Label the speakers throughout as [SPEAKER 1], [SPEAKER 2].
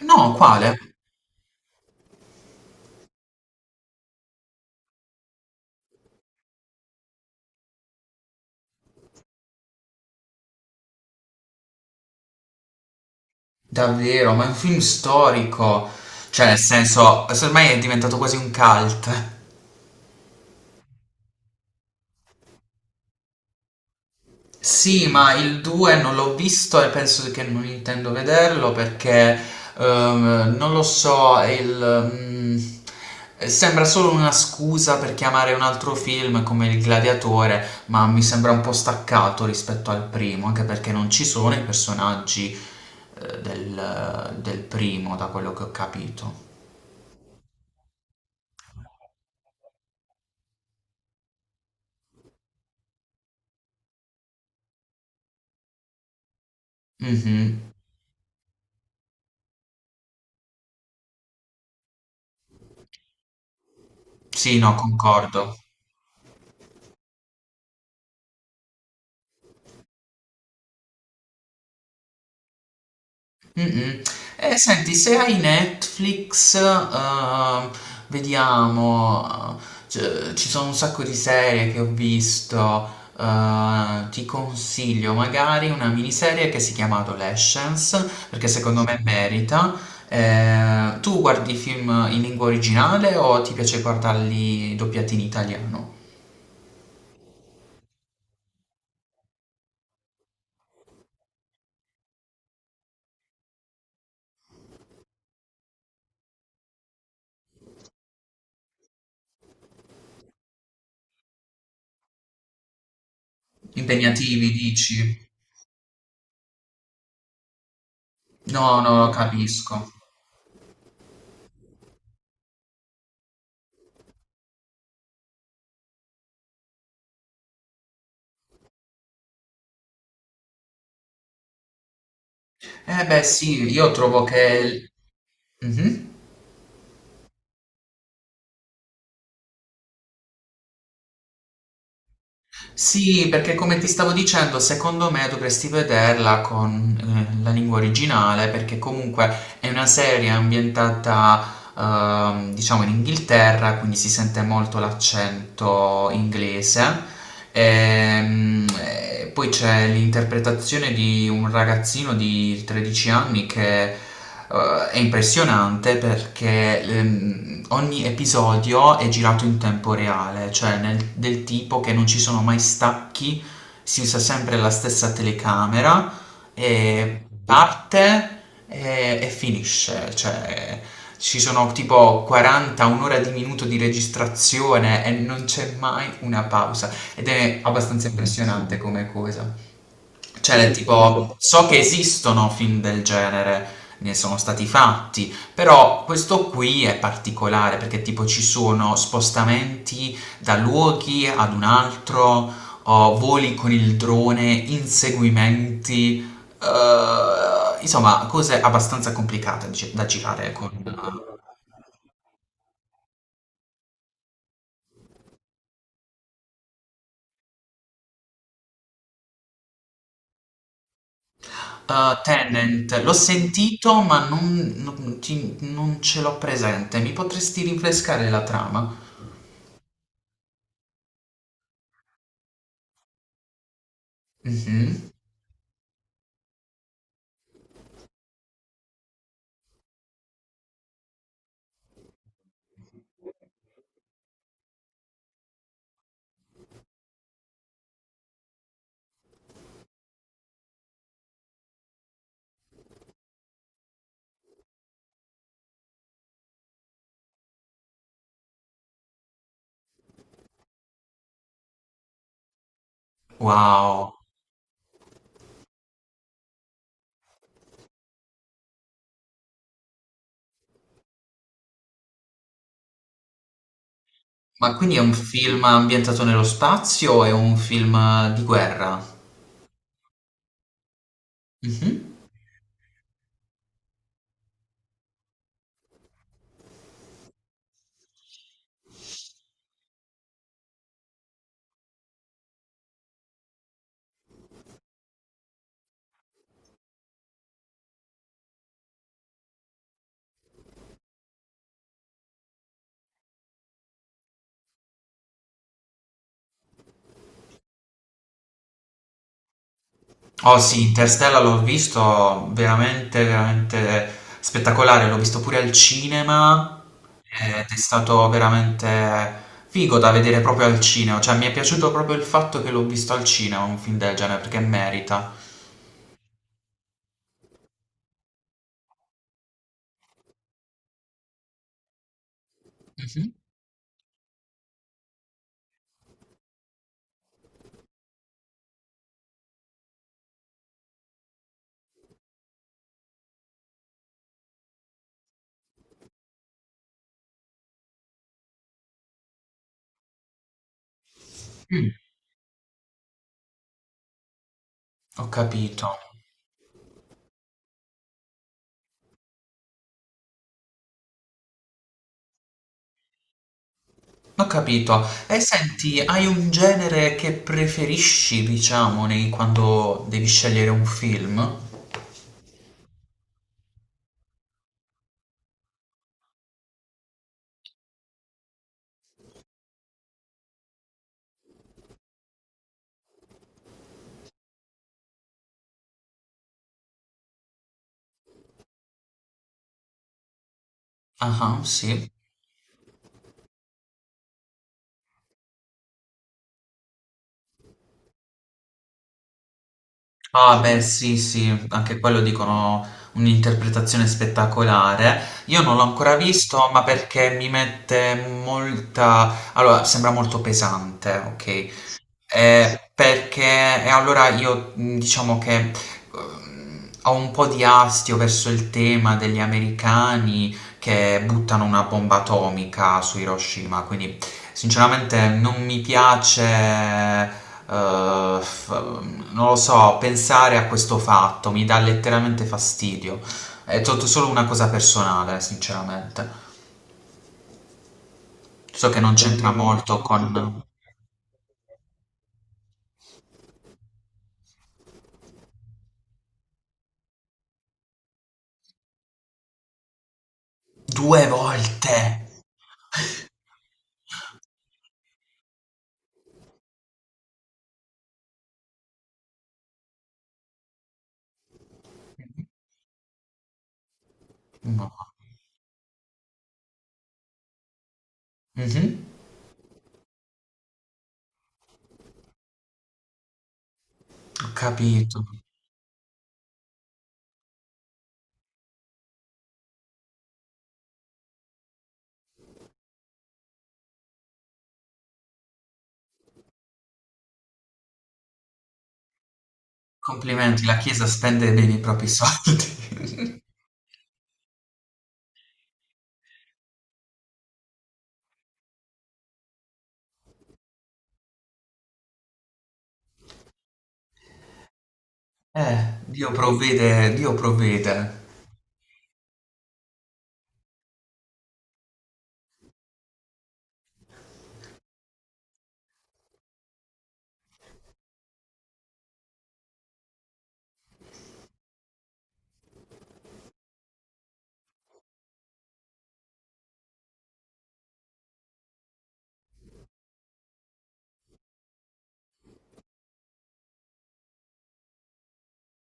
[SPEAKER 1] No, quale? Davvero, ma è un film storico. Cioè, nel senso, ormai è diventato quasi un cult. Sì, ma il 2 non l'ho visto e penso che non intendo vederlo perché non lo so, sembra solo una scusa per chiamare un altro film come Il Gladiatore, ma mi sembra un po' staccato rispetto al primo, anche perché non ci sono i personaggi del primo, da quello che ho capito. Mhm. Sì, no, concordo. Mm-mm. E senti, se hai Netflix, vediamo, ci sono un sacco di serie che ho visto, ti consiglio magari una miniserie che si chiama Adolescence, perché secondo me merita. Tu guardi film in lingua originale o ti piace guardarli doppiati in italiano? Impegnativi, dici? No, no, capisco. Eh beh sì, io trovo che. Mh-mh. Sì, perché come ti stavo dicendo, secondo me dovresti vederla con, la lingua originale, perché comunque è una serie ambientata diciamo in Inghilterra, quindi si sente molto l'accento inglese. Ehm, e poi c'è l'interpretazione di un ragazzino di 13 anni che è impressionante perché ogni episodio è girato in tempo reale, cioè del tipo che non ci sono mai stacchi, si usa sempre la stessa telecamera e parte e finisce, cioè ci sono tipo 40, un'ora di minuto di registrazione e non c'è mai una pausa ed è abbastanza impressionante come cosa. Cioè, del tipo, so che esistono film del genere, ne sono stati fatti, però questo qui è particolare perché tipo ci sono spostamenti da luoghi ad un altro, o voli con il drone, inseguimenti, insomma, cose abbastanza complicate da girare con Tenant, l'ho sentito, ma non ce l'ho presente. Mi potresti rinfrescare la trama? Mhm. Wow. Ma quindi è un film ambientato nello spazio? O è un film di guerra? Mh-mh. Oh sì, Interstellar l'ho visto veramente, veramente spettacolare, l'ho visto pure al cinema ed è stato veramente figo da vedere proprio al cinema, cioè mi è piaciuto proprio il fatto che l'ho visto al cinema, un film del genere, perché merita. Mh-mh. Mh, ho capito. Ho capito. E senti, hai un genere che preferisci, diciamo, quando devi scegliere un film? Ah, ah, sì. Ah, beh, sì, sì, anche quello dicono un'interpretazione spettacolare. Io non l'ho ancora visto, ma perché mi mette molta... Allora, sembra molto pesante, ok? Perché e allora io diciamo che ho un po' di astio verso il tema degli americani che buttano una bomba atomica su Hiroshima, quindi sinceramente non mi piace, f- non lo so, pensare a questo fatto, mi dà letteralmente fastidio. È tutto solo una cosa personale, sinceramente. So che non c'entra molto con... Due volte! No. Mh-mh. Ho capito. Complimenti, la Chiesa spende bene i propri soldi. Dio provvede Dio provvede.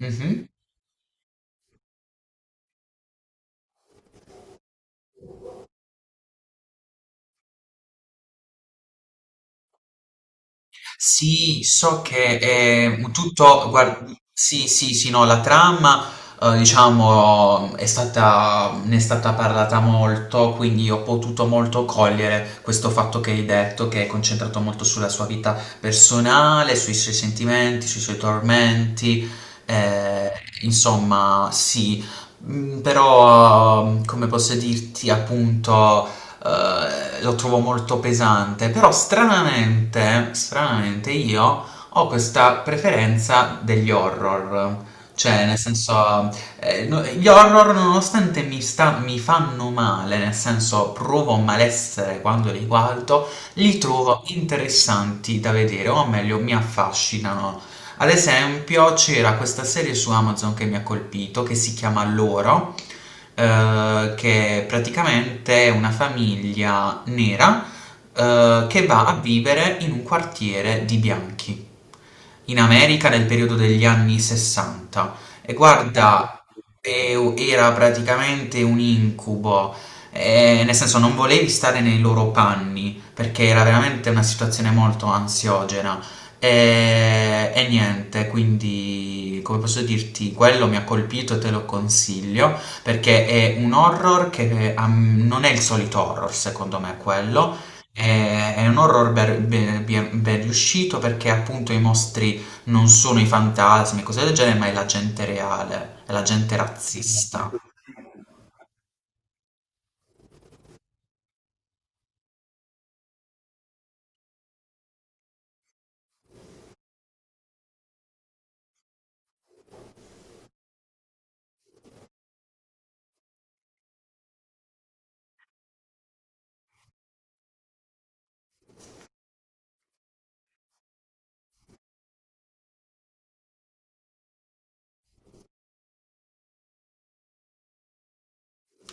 [SPEAKER 1] Mh-mh. Sì, so che è un tutto, guarda, sì, sì, sì, no, la trama, diciamo, è stata, ne è stata parlata molto, quindi ho potuto molto cogliere questo fatto che hai detto, che è concentrato molto sulla sua vita personale, sui suoi sentimenti, sui suoi tormenti, eh, insomma, sì, Mm, però, come posso dirti, appunto lo trovo molto pesante, però stranamente io ho questa preferenza degli horror. Cioè, nel senso, gli horror nonostante mi fanno male, nel senso provo malessere quando li guardo, li trovo interessanti da vedere, o meglio, mi affascinano. Ad esempio, c'era questa serie su Amazon che mi ha colpito, che si chiama Loro, che praticamente è una famiglia nera che va a vivere in un quartiere di bianchi in America nel periodo degli anni 60. E guarda, era praticamente un incubo, nel senso non volevi stare nei loro panni perché era veramente una situazione molto ansiogena. E niente, quindi come posso dirti, quello mi ha colpito e te lo consiglio perché è un horror che ah, non è il solito horror, secondo me, quello. È un horror ben riuscito perché appunto i mostri non sono i fantasmi e cose del genere, ma è la gente reale, è la gente razzista.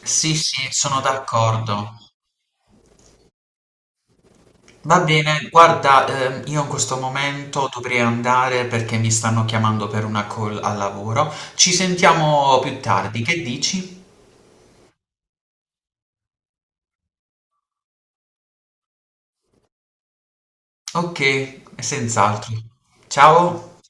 [SPEAKER 1] Sì, sì, sono d'accordo. Va bene, guarda, io in questo momento dovrei andare perché mi stanno chiamando per una call al lavoro. Ci sentiamo più tardi, che dici? Ok, senz'altro. Ciao.